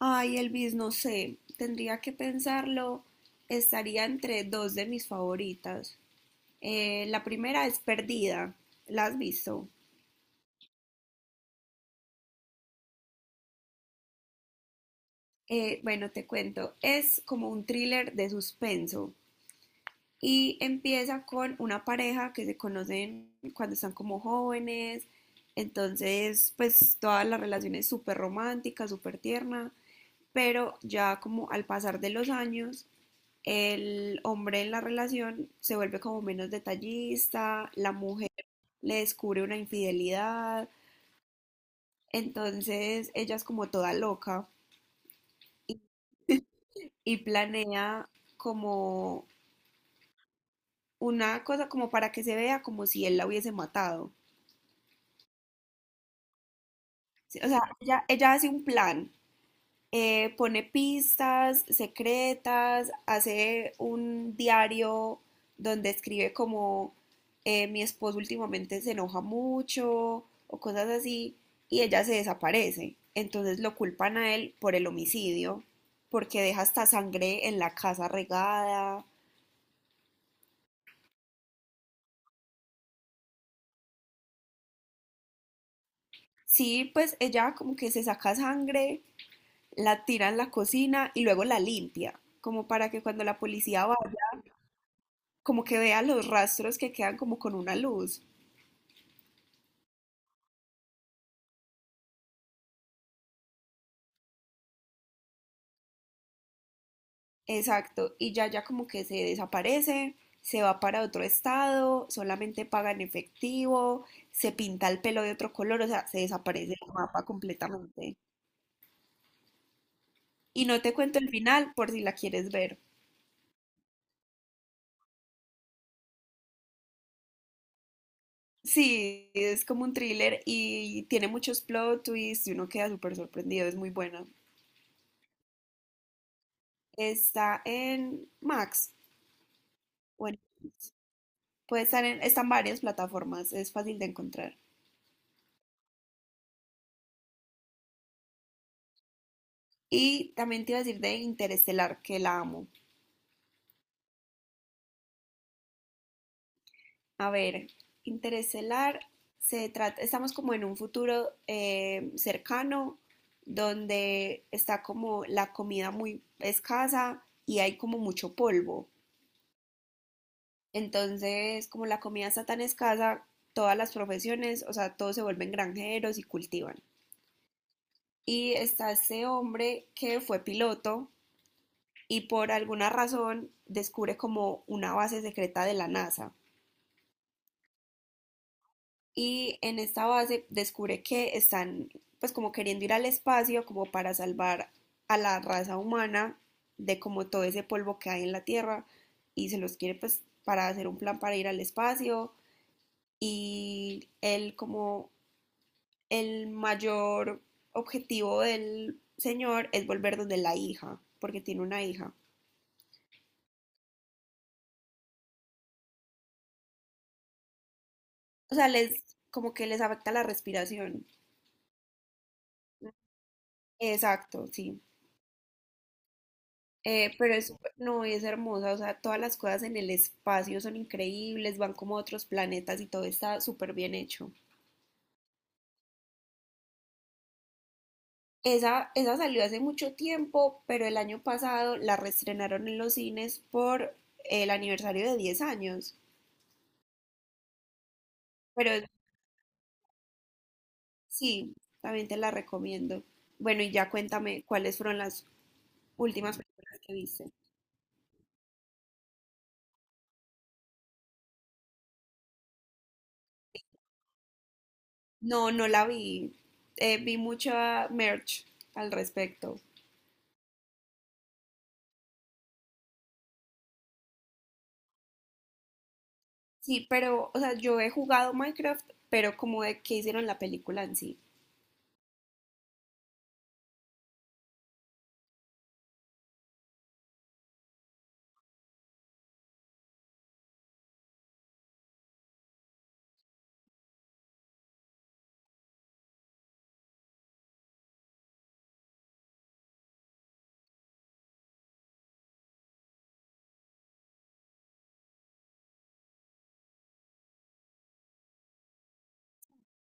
Ay, Elvis, no sé, tendría que pensarlo. Estaría entre dos de mis favoritas. La primera es Perdida, ¿la has visto? Bueno, te cuento, es como un thriller de suspenso y empieza con una pareja que se conocen cuando están como jóvenes, entonces pues toda la relación es súper romántica, súper tierna, pero ya como al pasar de los años el hombre en la relación se vuelve como menos detallista, la mujer le descubre una infidelidad, entonces ella es como toda loca y, y planea como una cosa como para que se vea como si él la hubiese matado. Sí, o sea, ella hace un plan, pone pistas secretas, hace un diario donde escribe como mi esposo últimamente se enoja mucho o cosas así, y ella se desaparece. Entonces lo culpan a él por el homicidio, porque deja hasta sangre en la casa regada. Sí, pues ella como que se saca sangre, la tira en la cocina y luego la limpia, como para que cuando la policía vaya, como que vea los rastros que quedan como con una luz. Exacto, y ya ya como que se desaparece, se va para otro estado, solamente paga en efectivo, se pinta el pelo de otro color, o sea, se desaparece el mapa completamente. Y no te cuento el final por si la quieres ver. Sí, es como un thriller y tiene muchos plot twists y uno queda súper sorprendido, es muy buena. Está en Max, bueno, puede estar en, está en varias plataformas, es fácil de encontrar. Y también te iba a decir de Interestelar, que la amo. A ver, Interestelar se trata, estamos como en un futuro, cercano, donde está como la comida muy escasa y hay como mucho polvo. Entonces, como la comida está tan escasa, todas las profesiones, o sea, todos se vuelven granjeros y cultivan. Y está ese hombre que fue piloto y por alguna razón descubre como una base secreta de la NASA. Y en esta base descubre que están pues como queriendo ir al espacio como para salvar a la raza humana de como todo ese polvo que hay en la Tierra y se los quiere pues para hacer un plan para ir al espacio y él como el mayor objetivo del señor es volver donde la hija, porque tiene una hija. O sea, les como que les afecta la respiración. Exacto, sí. Pero es, no, es hermosa, o sea, todas las cosas en el espacio son increíbles, van como a otros planetas y todo está súper bien hecho. Esa salió hace mucho tiempo, pero el año pasado la reestrenaron en los cines por el aniversario de 10 años. Pero sí, también te la recomiendo. Bueno, y ya cuéntame cuáles fueron las últimas películas que viste. No, no la vi. Vi mucha merch al respecto. Sí, pero, o sea, yo he jugado Minecraft, pero como de que hicieron la película en sí.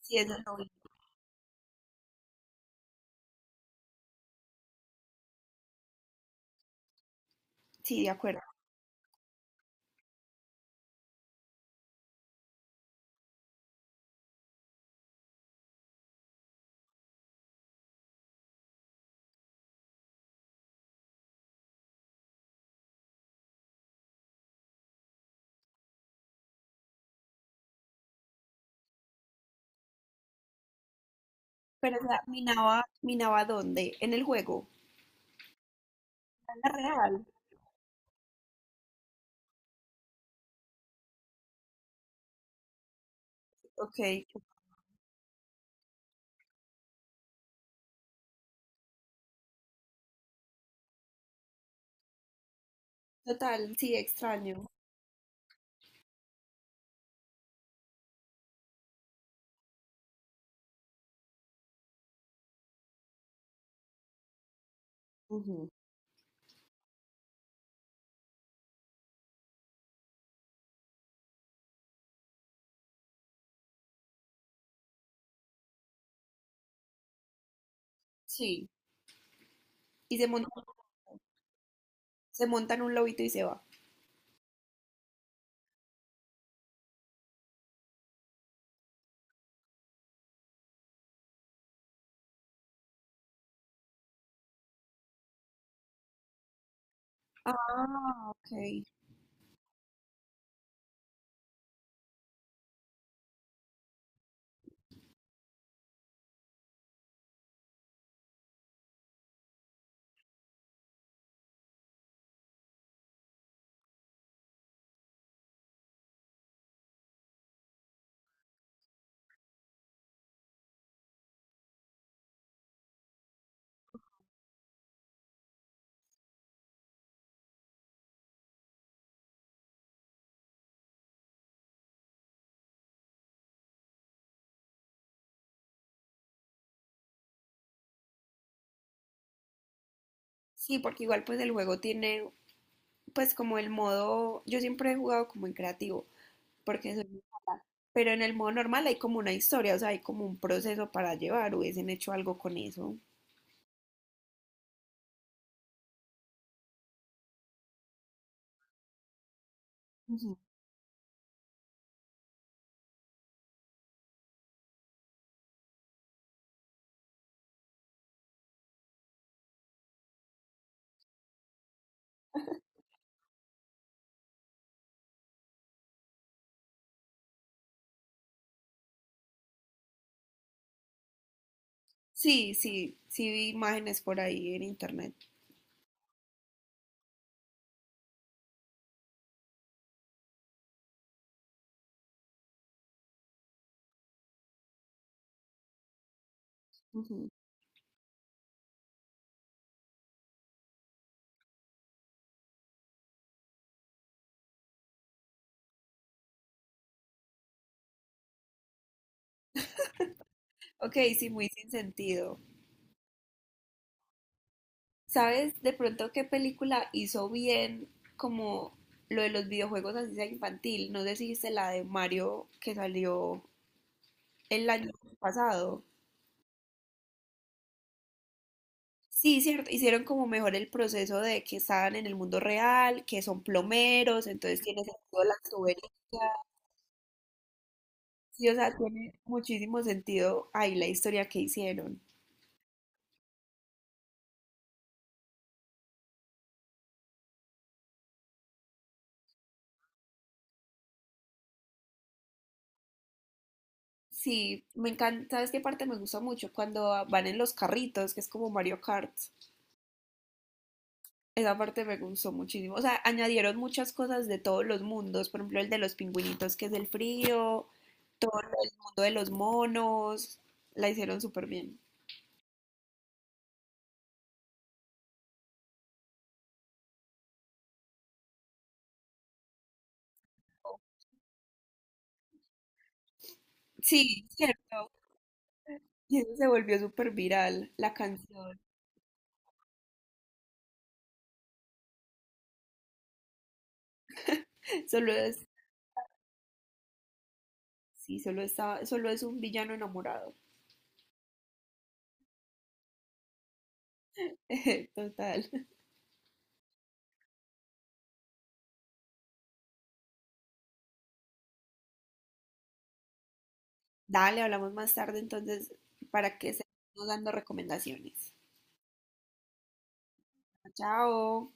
Sí, eso lo vi. Sí, de acuerdo. Pero, o sea, ¿minaba, minaba dónde? ¿En el juego? ¿En la real? Ok. Total, sí, extraño. Ujú. Sí. Y se monta en un lobito y se va. Ah, ok. Sí, porque igual pues el juego tiene pues como el modo, yo siempre he jugado como en creativo porque soy muy mala. Pero en el modo normal hay como una historia, o sea, hay como un proceso para llevar, hubiesen hecho algo con eso. Ujú. Sí, sí, sí vi imágenes por ahí en internet. Ujú. Ok, sí, muy sin sentido. ¿Sabes de pronto qué película hizo bien como lo de los videojuegos así sea infantil? No sé si viste la de Mario que salió el año pasado. Sí, cierto, hicieron como mejor el proceso de que estaban en el mundo real, que son plomeros, entonces tiene sentido las tuberías. Sí, o sea, tiene muchísimo sentido ahí la historia que hicieron. Sí, me encanta, ¿sabes qué parte me gusta mucho? Cuando van en los carritos, que es como Mario Kart. Esa parte me gustó muchísimo. O sea, añadieron muchas cosas de todos los mundos, por ejemplo, el de los pingüinitos, que es el frío, todo lo del mundo de los monos, la hicieron súper bien. Sí, cierto. Y eso se volvió súper viral, la canción. Solo es, sí, solo está solo es un villano enamorado. Total. Dale, hablamos más tarde entonces para que se dando recomendaciones. Chao.